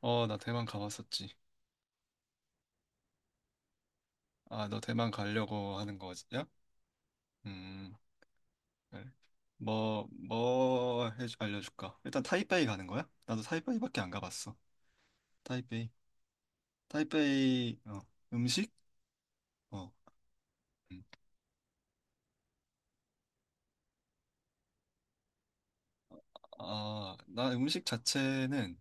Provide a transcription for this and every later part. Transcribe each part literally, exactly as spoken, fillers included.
어, 나 대만 가봤었지. 아, 너 대만 가려고 하는 거야? 음, 그래. 뭐, 뭐 해, 알려줄까? 일단 타이베이 가는 거야? 나도 타이베이밖에 안 가봤어. 타이베이. 타이베이, 어, 음식? 어. 음. 아, 나 음식 자체는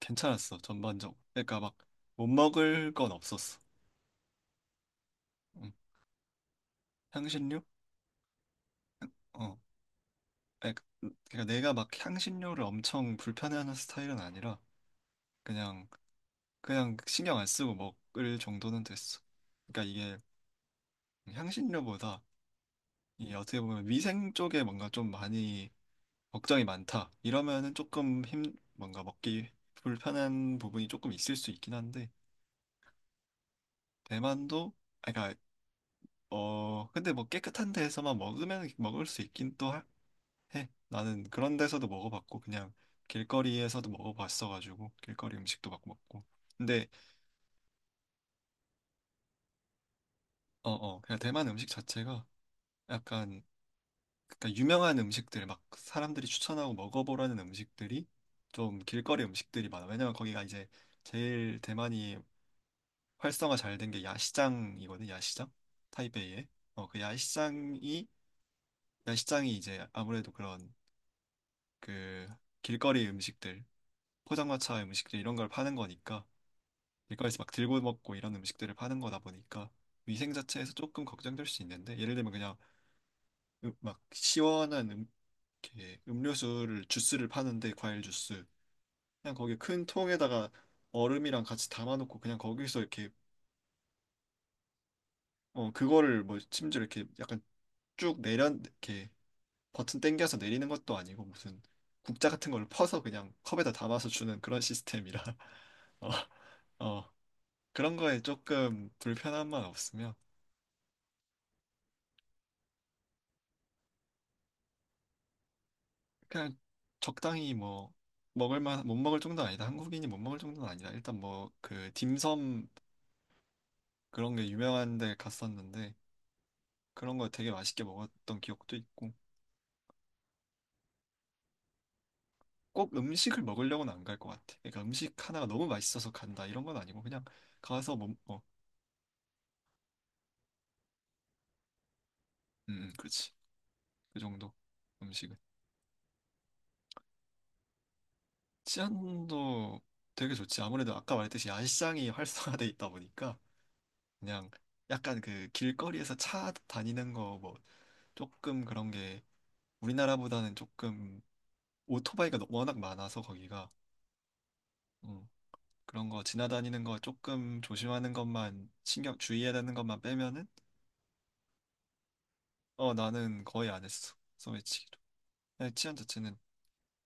괜찮았어, 전반적으로. 그러니까 막, 못 먹을 건 없었어. 음. 향신료? 어. 그러니까 그러니까 내가 막 향신료를 엄청 불편해하는 스타일은 아니라, 그냥 그냥 신경 안 쓰고 먹을 정도는 됐어. 그러니까 이게 향신료보다 이게 어떻게 보면 위생 쪽에 뭔가 좀 많이 걱정이 많다 이러면은 조금 힘 뭔가 먹기 불편한 부분이 조금 있을 수 있긴 한데, 대만도, 아 그러니까 어 근데 뭐 깨끗한 데에서만 먹으면 먹을 수 있긴 또 하- 해. 나는 그런 데서도 먹어봤고 그냥 길거리에서도 먹어봤어가지고 길거리 음식도 막 먹고. 근데 어어 그냥 대만 음식 자체가 약간, 그러니까 유명한 음식들 막 사람들이 추천하고 먹어보라는 음식들이 좀 길거리 음식들이 많아. 왜냐면 거기가 이제 제일 대만이 활성화 잘 된 게 야시장이거든. 야시장 타이베이에. 어, 그 야시장이 야시장이 이제 아무래도 그런 그 길거리 음식들 포장마차 음식들 이런 걸 파는 거니까 길거리에서 막 들고 먹고 이런 음식들을 파는 거다 보니까 위생 자체에서 조금 걱정될 수 있는데, 예를 들면 그냥 음- 막 시원한 음, 이렇게 음료수를 주스를 파는데 과일 주스 그냥 거기 큰 통에다가 얼음이랑 같이 담아놓고 그냥 거기서 이렇게 어 그거를 뭐 심지어 이렇게 약간 쭉 내려 이렇게 버튼 당겨서 내리는 것도 아니고 무슨 국자 같은 걸 퍼서 그냥 컵에다 담아서 주는 그런 시스템이라. 어, 어 그런 거에 조금 불편함만 없으면 그냥 적당히, 뭐 먹을 만 못 먹을 정도는 아니다, 한국인이 못 먹을 정도는 아니다. 일단 뭐 그 딤섬 그런 게 유명한 데 갔었는데 그런 거 되게 맛있게 먹었던 기억도 있고. 꼭 음식을 먹으려고는 안 갈 것 같아. 그러니까 음식 하나가 너무 맛있어서 간다 이런 건 아니고 그냥 가서 뭐, 어, 음, 음, 그렇지. 그 정도 음식은. 치안도 되게 좋지. 아무래도 아까 말했듯이 야시장이 활성화돼 있다 보니까 그냥 약간 그 길거리에서 차 다니는 거 뭐 조금 그런 게 우리나라보다는 조금 오토바이가 너- 워낙 많아서 거기가, 음, 그런 거 지나다니는 거 조금 조심하는 것만, 신경 주의해야 되는 것만 빼면은. 어 나는 거의 안 했어, 소매치기. 네, 치안 자체는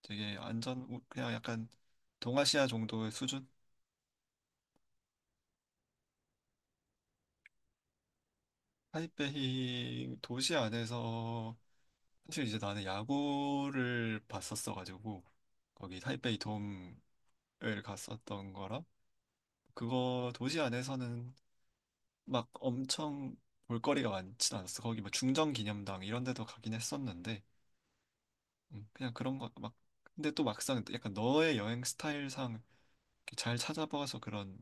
되게 안전, 우- 그냥 약간 동아시아 정도의 수준? 타이베이 도시 안에서, 사실 이제 나는 야구를 봤었어가지고 거기 타이베이 돔을 갔었던 거라 그거 도시 안에서는 막 엄청 볼거리가 많진 않았어. 거기 뭐 중정 기념당 이런 데도 가긴 했었는데, 음, 그냥 그런 거 막, 근데 또 막상 약간 너의 여행 스타일상 잘 찾아봐서 그런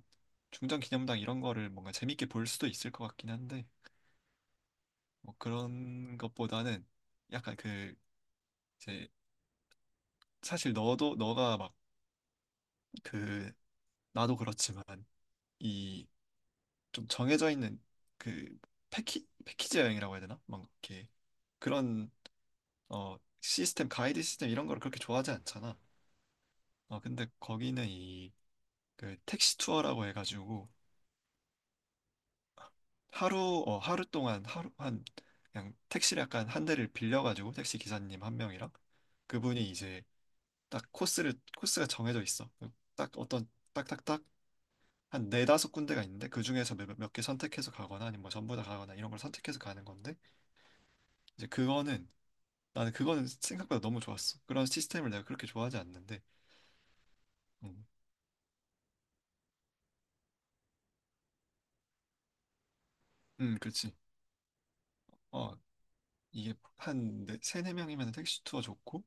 중장 기념당 이런 거를 뭔가 재밌게 볼 수도 있을 것 같긴 한데. 뭐 그런 것보다는 약간 그 이제, 사실 너도 너가 막 그 나도 그렇지만 이 좀 정해져 있는 그 패키 패키지 여행이라고 해야 되나? 막 이렇게 그런 어 시스템 가이드 시스템 이런 거를 그렇게 좋아하지 않잖아. 어 근데 거기는 이 그 택시 투어라고 해가지고 하루, 어 하루 동안, 하루 한, 그냥 택시를 약간 한 대를 빌려가지고 택시 기사님 한 명이랑 그분이 이제 딱 코스를, 코스가 정해져 있어. 그 딱 어떤 딱딱딱 한 네다섯 군데가 있는데 그 중에서 몇 개 선택해서 가거나 아니면 뭐 전부 다 가거나 이런 걸 선택해서 가는 건데 이제 그거는 나는 그거는 생각보다 너무 좋았어. 그런 시스템을 내가 그렇게 좋아하지 않는데. 음, 음, 그렇지. 어, 이게 한 네, 세네 명이면 택시 투어 좋고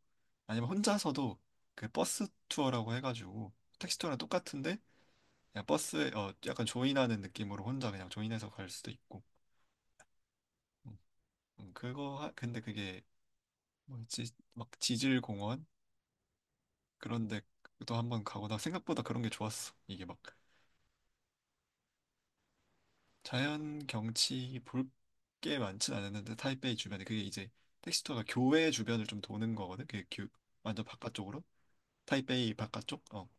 아니면 혼자서도 그 버스 투어라고 해가지고 택시 투어랑 똑같은데 그냥 버스에 어 약간 조인하는 느낌으로 혼자 그냥 조인해서 갈 수도 있고. 음, 음, 그거 하, 근데 그게 뭐였지. 막 지질 공원 그런데 또 한번 가고, 나 생각보다 그런 게 좋았어. 이게 막 자연 경치 볼 게 많진 않았는데 타이베이 주변에 그게 이제 택시 투어가 교외 주변을 좀 도는 거거든. 그게 교, 완전 바깥쪽으로 타이베이 바깥쪽 어.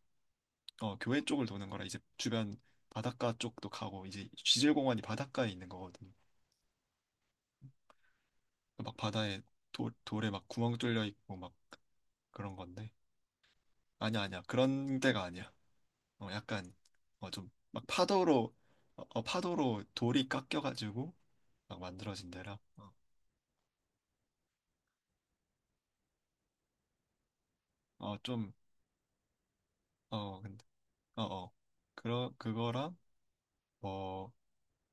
어, 교회 쪽을 도는 거라 이제 주변 바닷가 쪽도 가고 이제 지질공원이 바닷가에 있는 거거든. 막 바다에 돌, 돌에 막 구멍 뚫려 있고 막 그런 건데. 아니야, 아니야, 그런 데가 아니야. 어, 약간 어, 좀 막 파도로 어, 어, 파도로 돌이 깎여가지고 막 만들어진 데라. 어, 어, 좀 어, 근데 어, 어. 그러 그거랑 뭐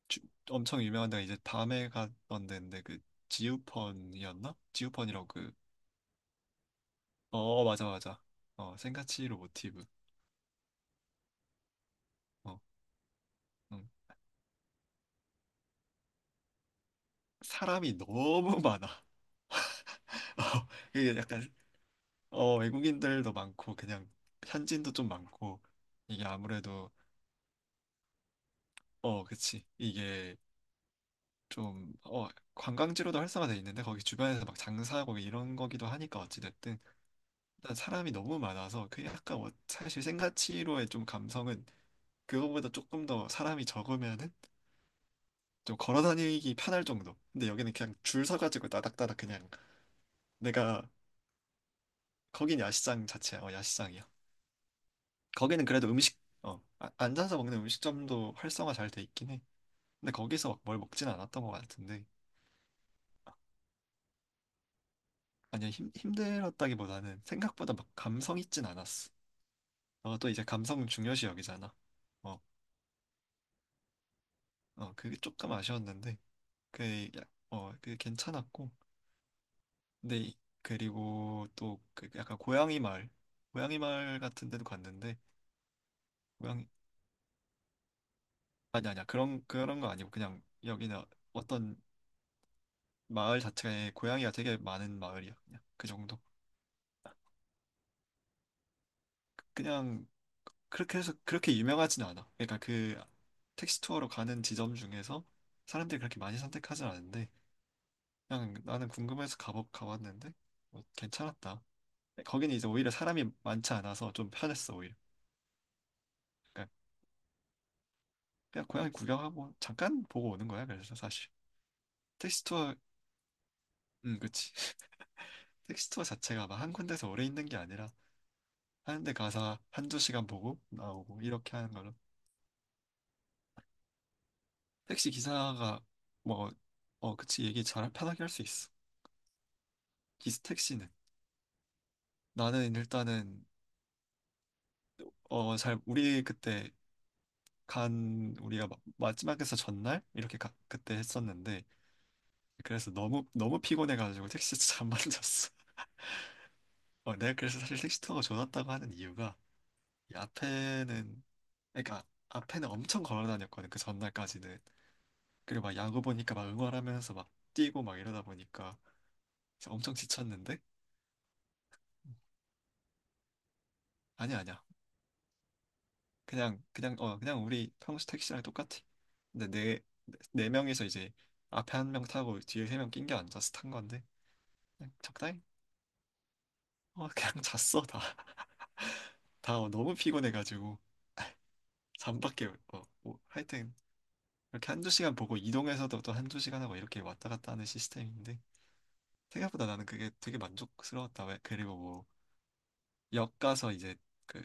주- 엄청 유명한 데가 이제 밤에 갔던 데인데 그 지우펀이었나? 지우펀이라고 그, 어, 맞아, 맞아. 어, 생가치히로 모티브. 어, 음. 사람이 너무 많아. 어, 이게 약간, 어, 외국인들도 많고, 그냥 현지인도 좀 많고, 이게 아무래도, 어, 그치. 이게 좀, 어, 관광지로도 활성화돼 있는데, 거기 주변에서 막 장사하고 이런 거기도 하니까, 어찌됐든. 일단 사람이 너무 많아서, 그 약간, 어, 사실 생가치히로의 좀 감성은, 그거보다 조금 더 사람이 적으면은 좀 걸어 다니기 편할 정도. 근데 여기는 그냥 줄 서가지고 따닥따닥 그냥, 내가. 거긴 야시장 자체야. 어, 야시장이야. 거기는 그래도 음식 어, 아- 앉아서 먹는 음식점도 활성화 잘 돼 있긴 해. 근데 거기서 막 뭘 먹진 않았던 것 같은데. 아니 힘 힘들었다기보다는 생각보다 막 감성 있진 않았어. 어, 또 이제 감성 중요시 여기잖아. 어, 어, 그게 조금 아쉬웠는데 그, 야- 어, 그 괜찮았고. 근데 이- 그리고 또 그 약간 고양이 마을, 고양이 마을 같은 데도 갔는데. 고양이 아니 아니야, 그런 그런 거 아니고 그냥 여기는 어떤 마을 자체에 고양이가 되게 많은 마을이야. 그냥 그 정도. 그냥 그렇게 해서 그렇게 유명하진 않아. 그러니까 그 택시 투어로 가는 지점 중에서 사람들이 그렇게 많이 선택하진 않은데 그냥 나는 궁금해서 가보 가봤는데. 뭐 괜찮았다. 거기는 이제 오히려 사람이 많지 않아서 좀 편했어, 오히려. 그러니까 그냥 고양이 구경하고 잠깐 보고 오는 거야. 그래서 사실 택시 투어, 음 그치. 택시 투어 자체가 막 한 군데서 오래 있는 게 아니라 하는 데 가서 한 두 시간 보고 나오고 이렇게 하는 거라. 택시 기사가 뭐, 어, 그치, 얘기 잘 편하게 할 수 있어. 기스 택시는. 나는 일단은, 어, 잘, 우리 그때 간, 우리가 마- 마지막에서 전날? 이렇게 가- 그때 했었는데, 그래서 너무, 너무 피곤해가지고 택시 잘안 만졌어. 어, 내가 그래서 사실 택시 투어가 좋았다고 하는 이유가, 이 앞에는, 그러니까, 앞에는 엄청 걸어 다녔거든, 그 전날까지는. 그리고 막 야구 보니까 막 응원하면서 막 뛰고 막 이러다 보니까 엄청 지쳤는데, 아니야, 아니야, 그냥 그냥 어 그냥 우리 평소 택시랑 똑같아. 근데 네, 네 명이서 이제 앞에 한 명 타고 뒤에 세 명 낑겨 앉아서 탄 건데 그냥 적당히 어 그냥 잤어, 다. 다 어, 너무 피곤해가지고 잠밖에. 어 뭐, 하여튼 이렇게 한 두 시간 보고 이동해서도 또 한 두 시간 하고 이렇게 왔다 갔다 하는 시스템인데 생각보다 나는 그게 되게 만족스러웠다. 왜 그리고 뭐 역 가서 이제 그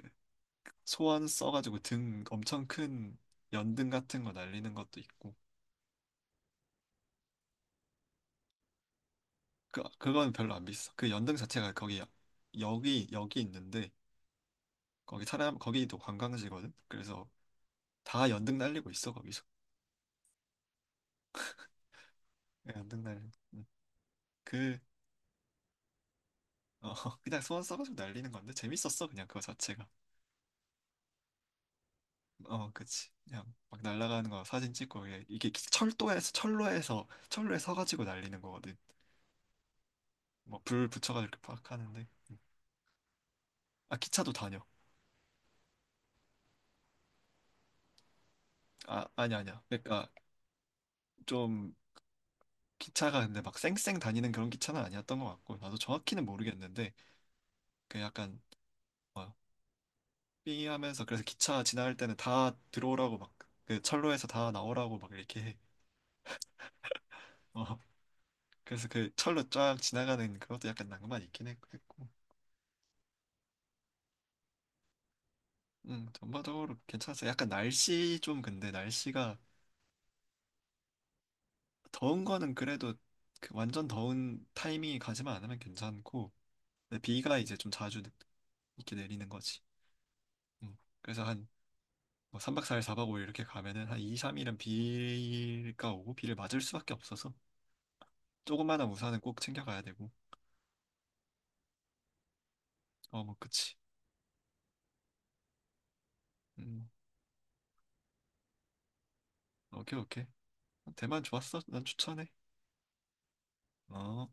소원 써가지고 등 엄청 큰 연등 같은 거 날리는 것도 있고. 그, 그건 별로 안 비싸. 그 연등 자체가 거기, 여기, 여기 있는데, 거기 사람, 거기도 관광지거든? 그래서 다 연등 날리고 있어, 거기서. 네, 연등 날리고. 응. 그, 어, 그냥 소원 써가지고 날리는 건데, 재밌었어, 그냥 그거 자체가. 어, 그치. 그냥 막 날아가는 거 사진 찍고, 이게, 이게 철도에서, 철로에서, 철로에 서가지고 날리는 거거든. 뭐, 불 붙여가지고 이렇게 팍 하는데. 아, 기차도 다녀. 아, 아니, 아니야. 그러니까, 좀, 기차가 근데 막 쌩쌩 다니는 그런 기차는 아니었던 것 같고 나도 정확히는 모르겠는데 그 약간 삐 하면서, 그래서 기차 지나갈 때는 다 들어오라고 막 그 철로에서 다 나오라고 막 이렇게 해. 어 그래서 그 철로 쫙 지나가는 그것도 약간 낭만 있긴 했고. 음, 전반적으로 괜찮았어요. 약간 날씨 좀, 근데 날씨가 더운 거는 그래도 그 완전 더운 타이밍이 가지만 않으면 괜찮고, 근데 비가 이제 좀 자주 느- 이렇게 내리는 거지. 음, 그래서 한뭐 삼 박 사 일 사 박 오 일 이렇게 가면은 한 이, 삼 일은 비가 오고 비를 맞을 수밖에 없어서 조그마한 우산은 꼭 챙겨가야 되고. 어, 뭐, 그치. 음, 오케이, 오케이. 대만 좋았어. 난 추천해. 어.